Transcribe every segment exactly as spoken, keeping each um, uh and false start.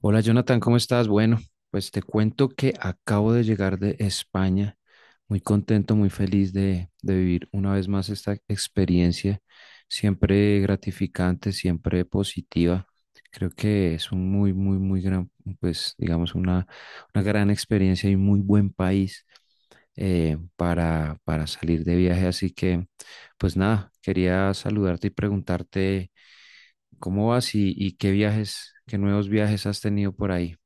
Hola Jonathan, ¿cómo estás? Bueno, pues te cuento que acabo de llegar de España, muy contento, muy feliz de, de vivir una vez más esta experiencia, siempre gratificante, siempre positiva. Creo que es un muy, muy, muy gran, pues digamos, una, una gran experiencia y muy buen país eh, para, para salir de viaje. Así que, pues nada, quería saludarte y preguntarte. ¿Cómo vas y, y qué viajes, qué nuevos viajes has tenido por ahí?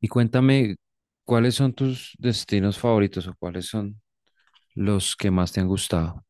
Y cuéntame, ¿cuáles son tus destinos favoritos o cuáles son los que más te han gustado?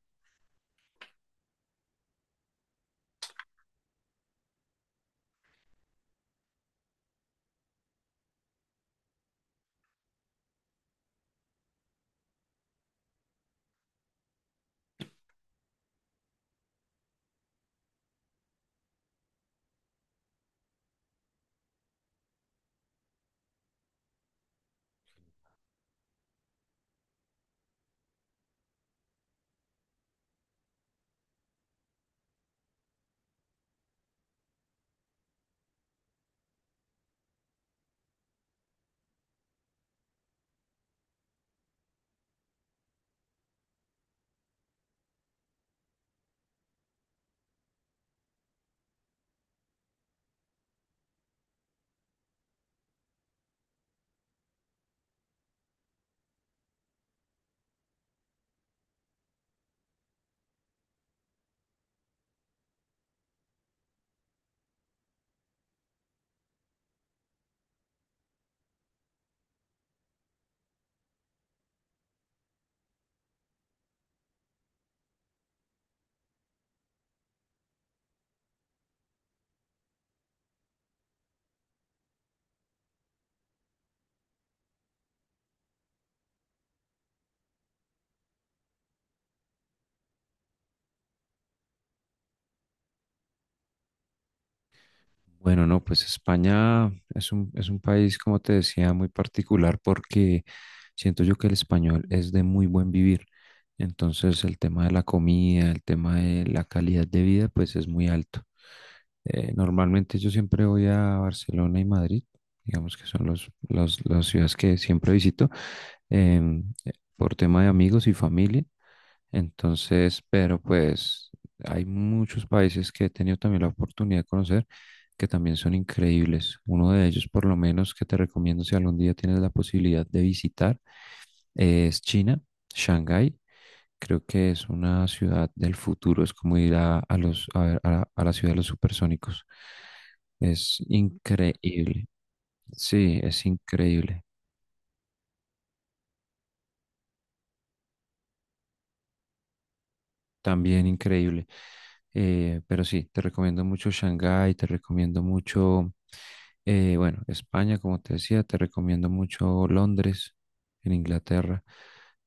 Bueno, no, pues España es un, es un país, como te decía, muy particular porque siento yo que el español es de muy buen vivir. Entonces el tema de la comida, el tema de la calidad de vida, pues es muy alto. Eh, normalmente yo siempre voy a Barcelona y Madrid, digamos que son los, los- las ciudades que siempre visito, em, eh, por tema de amigos y familia. Entonces, pero pues hay muchos países que he tenido también la oportunidad de conocer que también son increíbles. Uno de ellos, por lo menos, que te recomiendo si algún día tienes la posibilidad de visitar, es China, Shanghái. Creo que es una ciudad del futuro, es como ir a, a los, a, ver, a la a la ciudad de los supersónicos. Es increíble. Sí, es increíble. También increíble. Eh, pero sí, te recomiendo mucho Shanghái, te recomiendo mucho, eh, bueno, España, como te decía, te recomiendo mucho Londres, en Inglaterra.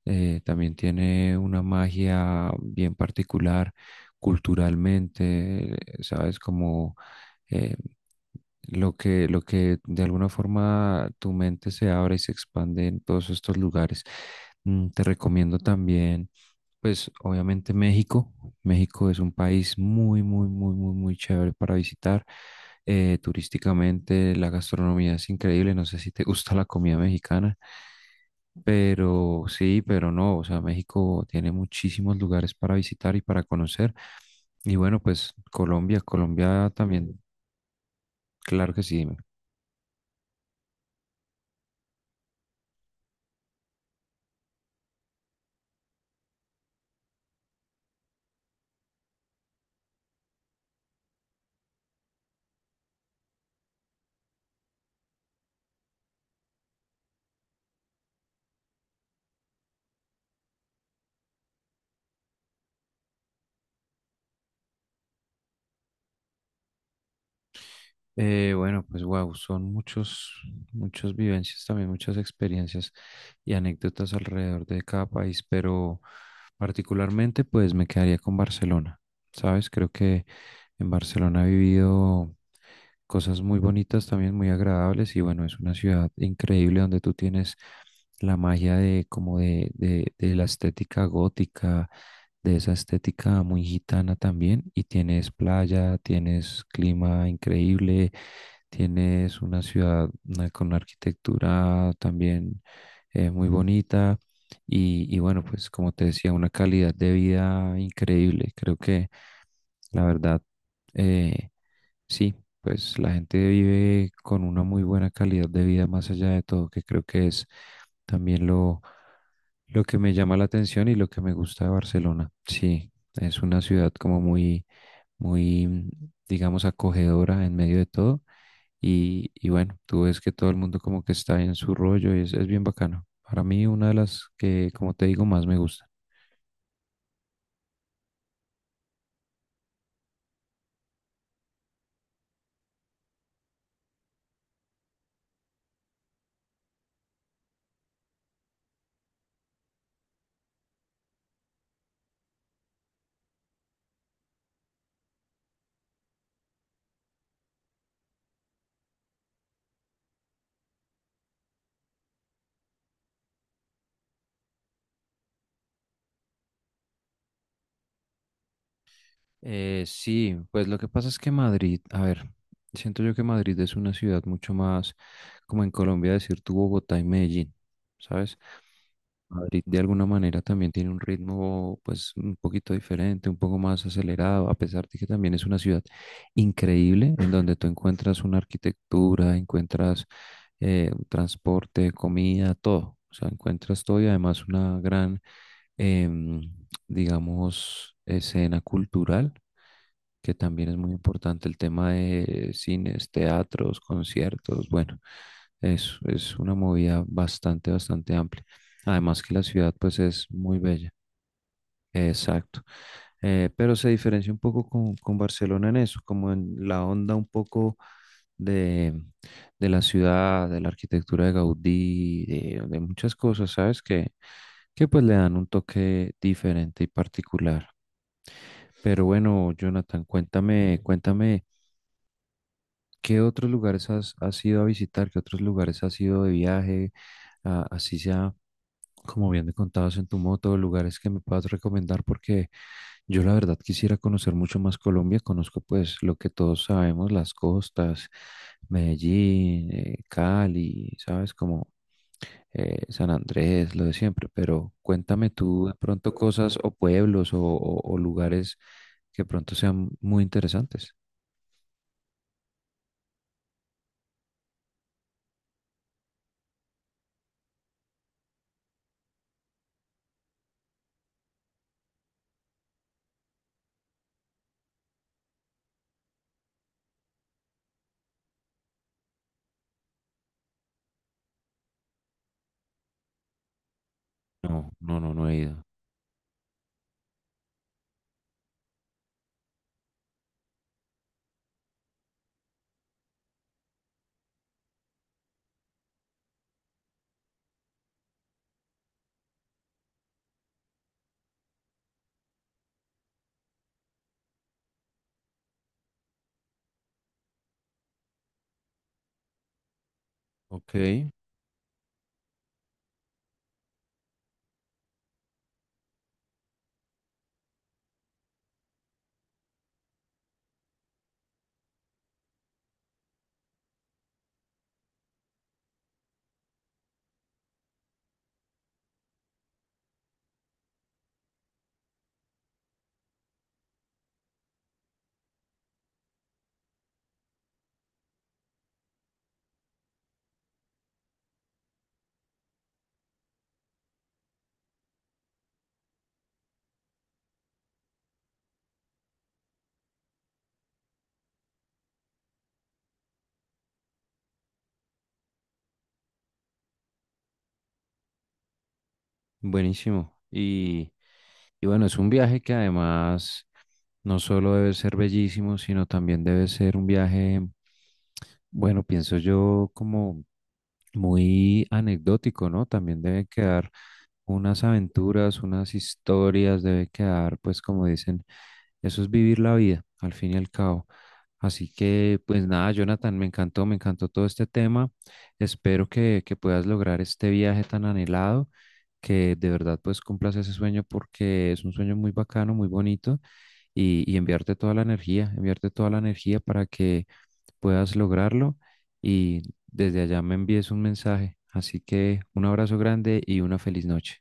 Eh, también tiene una magia bien particular culturalmente, eh, sabes, como eh, lo que, lo que de alguna forma tu mente se abre y se expande en todos estos lugares. Mm. Te recomiendo también, pues obviamente México. México es un país muy, muy, muy, muy, muy chévere para visitar. Eh, turísticamente la gastronomía es increíble. No sé si te gusta la comida mexicana, pero sí, pero no. O sea, México tiene muchísimos lugares para visitar y para conocer. Y bueno, pues Colombia, Colombia también. Claro que sí. Eh, bueno, pues wow, son muchos, muchas vivencias también, muchas experiencias y anécdotas alrededor de cada país, pero particularmente pues me quedaría con Barcelona, ¿sabes? Creo que en Barcelona he vivido cosas muy bonitas, también muy agradables y bueno, es una ciudad increíble donde tú tienes la magia de como de, de, de la estética gótica, de esa estética muy gitana también y tienes playa, tienes clima increíble, tienes una ciudad una- con una arquitectura también eh, muy bonita y, y bueno, pues como te decía, una calidad de vida increíble. Creo que la verdad, eh, sí, pues la gente vive con una muy buena calidad de vida más allá de todo, que creo que es también lo lo que me llama la atención y lo que me gusta de Barcelona. Sí, es una ciudad como muy, muy, mm, digamos, acogedora en medio de todo. Y, y bueno, tú ves que todo el mundo como que está en su rollo y es, es bien bacano. Para mí, una de las que, como te digo, más me gusta. Eh, sí, pues lo que pasa es que Madrid, a ver, siento yo que Madrid es una ciudad mucho más, como en Colombia decir tu Bogotá y Medellín, ¿sabes? Madrid de alguna manera también tiene un ritmo pues un poquito diferente, un poco más acelerado, a pesar de que también es una ciudad increíble en donde tú encuentras una arquitectura, encuentras eh, transporte, comida, todo. O sea, encuentras todo y además una gran, em, digamos, escena cultural, que también es muy importante el tema de cines, teatros, conciertos, bueno, es, es una movida bastante, bastante amplia. Además que la ciudad pues es muy bella, exacto. Eh, pero se diferencia un poco con, con Barcelona en eso, como en la onda un poco de, de la ciudad, de la arquitectura de Gaudí, de, de muchas cosas, ¿sabes? Que, que pues le dan un toque diferente y particular. Pero bueno, Jonathan, cuéntame, cuéntame. ¿Qué otros lugares has, has ido a visitar? ¿Qué otros lugares has ido de viaje? Ah, así sea, como bien me contabas en tu moto, lugares que me puedas recomendar porque yo la verdad quisiera conocer mucho más Colombia. Conozco pues lo que todos sabemos, las costas, Medellín, eh, Cali, ¿sabes? Como eh, San Andrés, lo de siempre. Pero cuéntame tú de pronto cosas o pueblos o, o o lugares que pronto sean muy interesantes. No, no, no, no he ido. Ok, buenísimo. Y, y bueno, es un viaje que además no solo debe ser bellísimo, sino también debe ser un viaje, bueno, pienso yo como muy anecdótico, ¿no? También debe quedar unas aventuras, unas historias, debe quedar, pues como dicen, eso es vivir la vida, al fin y al cabo. Así que, pues nada, Jonathan, me encantó, me encantó todo este tema. Espero que, que puedas lograr este viaje tan anhelado, que de verdad pues cumplas ese sueño porque es un sueño muy bacano, muy bonito y, y enviarte toda la energía, enviarte toda la energía para que puedas lograrlo y desde allá me envíes un mensaje. Así que un abrazo grande y una feliz noche.